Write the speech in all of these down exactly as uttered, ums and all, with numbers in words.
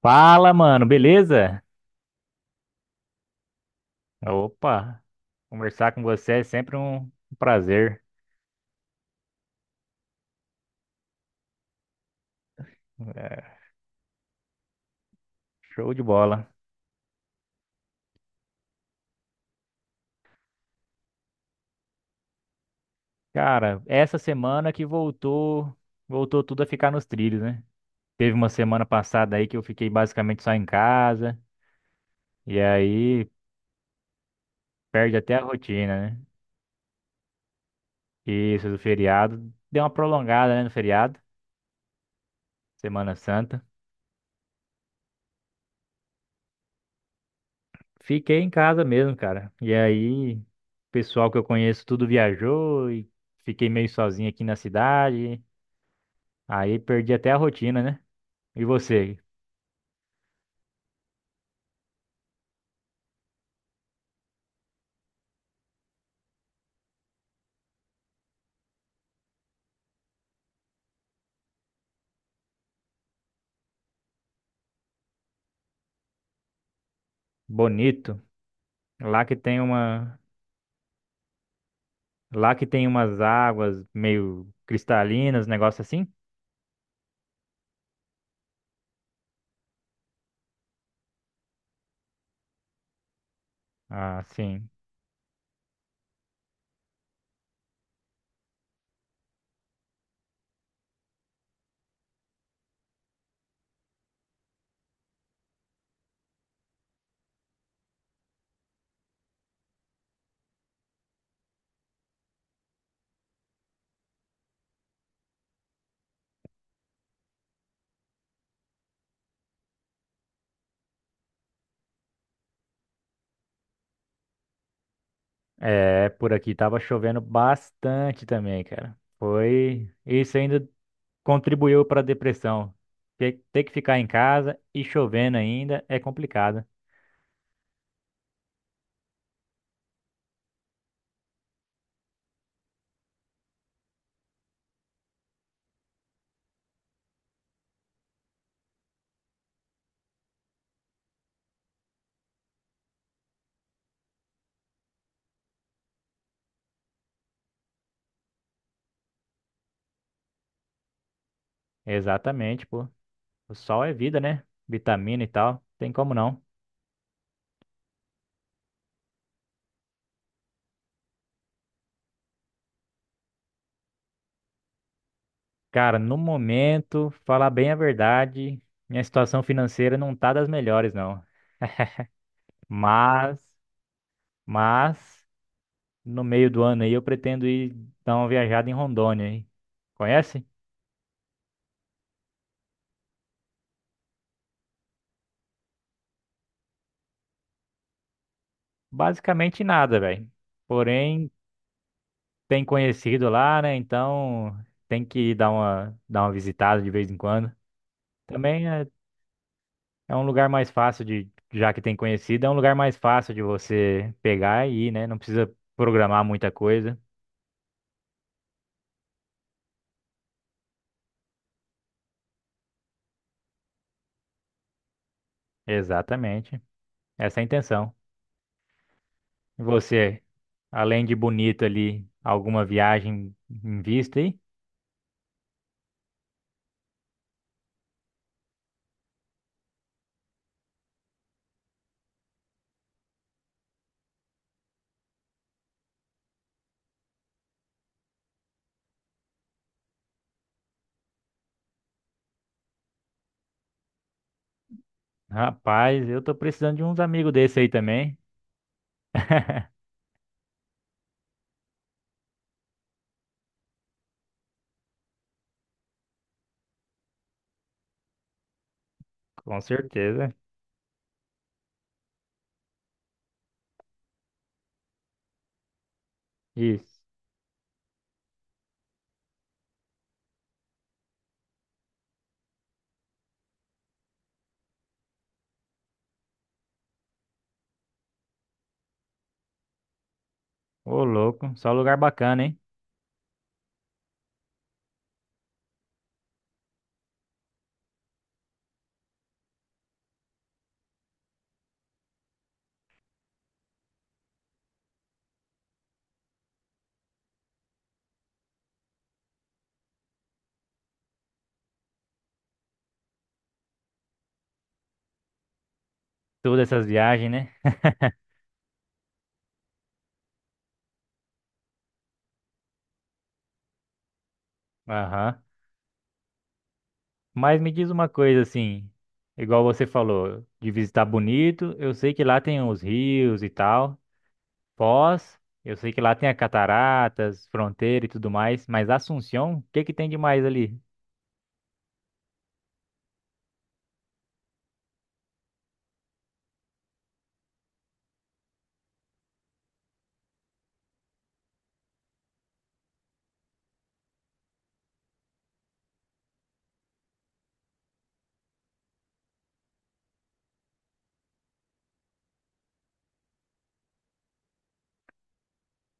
Fala, mano, beleza? Opa, conversar com você é sempre um prazer. É, show de bola. Cara, essa semana que voltou, voltou tudo a ficar nos trilhos, né? Teve uma semana passada aí que eu fiquei basicamente só em casa, e aí perde até a rotina, né? Isso, do feriado, deu uma prolongada, né, no feriado, Semana Santa. Fiquei em casa mesmo, cara. E aí, o pessoal que eu conheço tudo viajou e fiquei meio sozinho aqui na cidade. Aí perdi até a rotina, né? E você, bonito, lá que tem uma, lá que tem umas águas meio cristalinas, negócio assim? Ah, sim. É, por aqui tava chovendo bastante também, cara. Foi, isso ainda contribuiu para a depressão. Ter, ter que ficar em casa e chovendo ainda é complicado. Exatamente, pô. O sol é vida, né? Vitamina e tal, tem como não. Cara, no momento, falar bem a verdade, minha situação financeira não tá das melhores, não. Mas, mas, no meio do ano aí eu pretendo ir dar uma viajada em Rondônia, hein? Conhece? Basicamente nada, velho. Porém, tem conhecido lá, né? Então tem que ir dar uma, dar uma visitada de vez em quando. Também é, é um lugar mais fácil de, já que tem conhecido, é um lugar mais fácil de você pegar e ir, né? Não precisa programar muita coisa. Exatamente. Essa é a intenção. E você, além de bonito ali, alguma viagem em vista aí? Rapaz, eu tô precisando de uns amigos desse aí também. Com certeza. Isso. Ô, louco. Só lugar bacana, hein? Todas essas viagens, né? Aham. Mas me diz uma coisa assim, igual você falou, de visitar Bonito, eu sei que lá tem os rios e tal. Foz, eu sei que lá tem as cataratas, fronteira e tudo mais, mas Assunção, o que que tem de mais ali?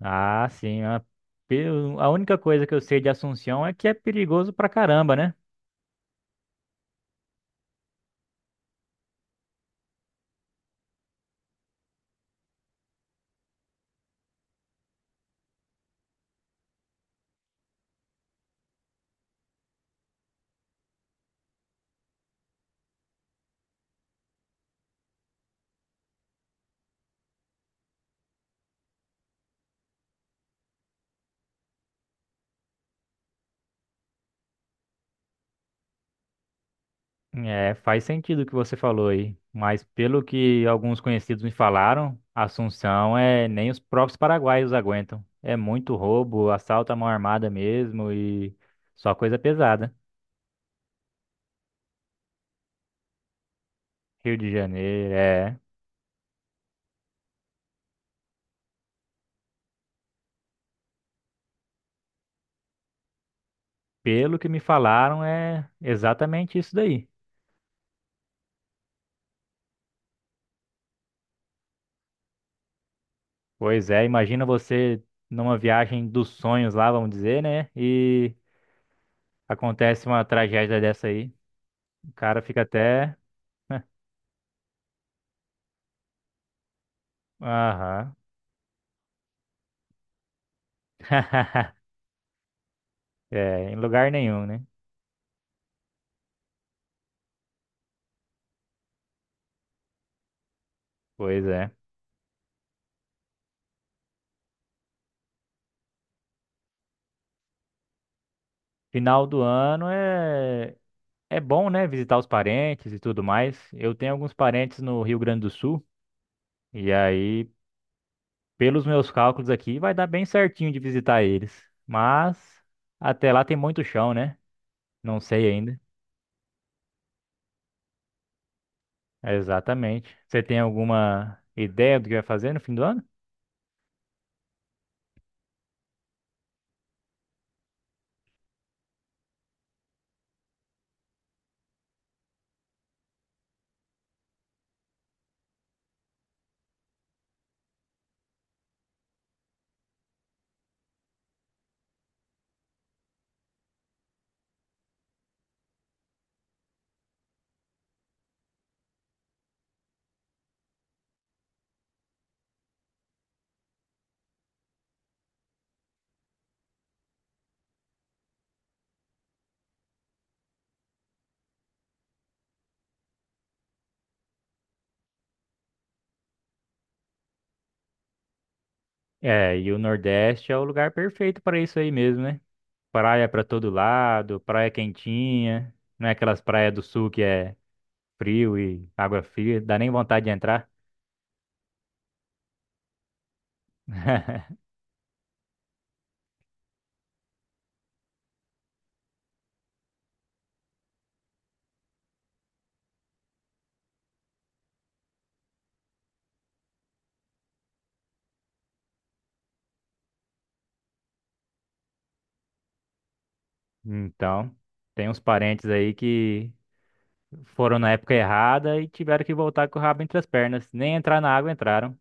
Ah, sim. A, pe- a única coisa que eu sei de Assunção é que é perigoso pra caramba, né? É, faz sentido o que você falou aí. Mas pelo que alguns conhecidos me falaram, Assunção é nem os próprios paraguaios aguentam. É muito roubo, assalto à mão armada mesmo e só coisa pesada. Rio de Janeiro, é. Pelo que me falaram, é exatamente isso daí. Pois é, imagina você numa viagem dos sonhos lá, vamos dizer, né? E acontece uma tragédia dessa aí, o cara fica até. Aham. É, em lugar nenhum, né? Pois é. Final do ano é é bom, né? Visitar os parentes e tudo mais. Eu tenho alguns parentes no Rio Grande do Sul e aí, pelos meus cálculos aqui, vai dar bem certinho de visitar eles. Mas até lá tem muito chão, né? Não sei ainda. Exatamente. Você tem alguma ideia do que vai fazer no fim do ano? É, e o Nordeste é o lugar perfeito para isso aí mesmo, né? Praia para todo lado, praia quentinha, não é aquelas praias do sul que é frio e água fria, dá nem vontade de entrar. Então, tem uns parentes aí que foram na época errada e tiveram que voltar com o rabo entre as pernas. Nem entrar na água entraram.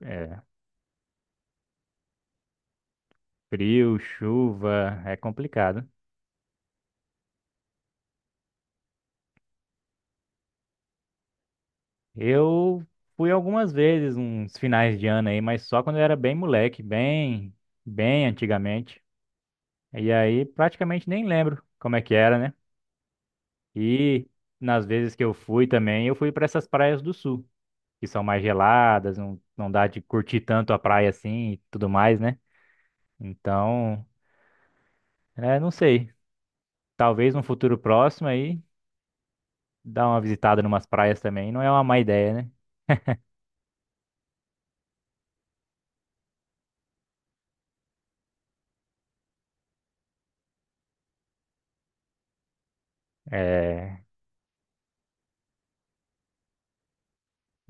É, frio, chuva, é complicado. Eu fui algumas vezes, uns finais de ano aí, mas só quando eu era bem moleque, bem, bem antigamente. E aí praticamente nem lembro como é que era, né? E nas vezes que eu fui também, eu fui para essas praias do sul, que são mais geladas, não, não dá de curtir tanto a praia assim e tudo mais, né? Então, é, não sei. Talvez num futuro próximo aí, dar uma visitada numas praias também, não é uma má ideia, né? É,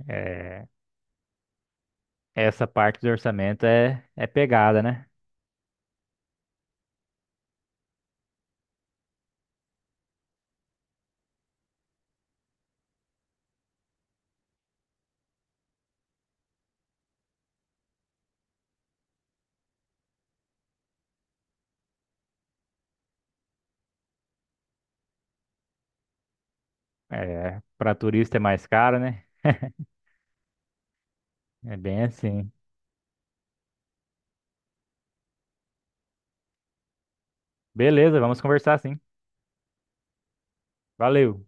é, Essa parte do orçamento é, é pegada, né? É, para turista é mais caro, né? É bem assim. Beleza, vamos conversar sim. Valeu.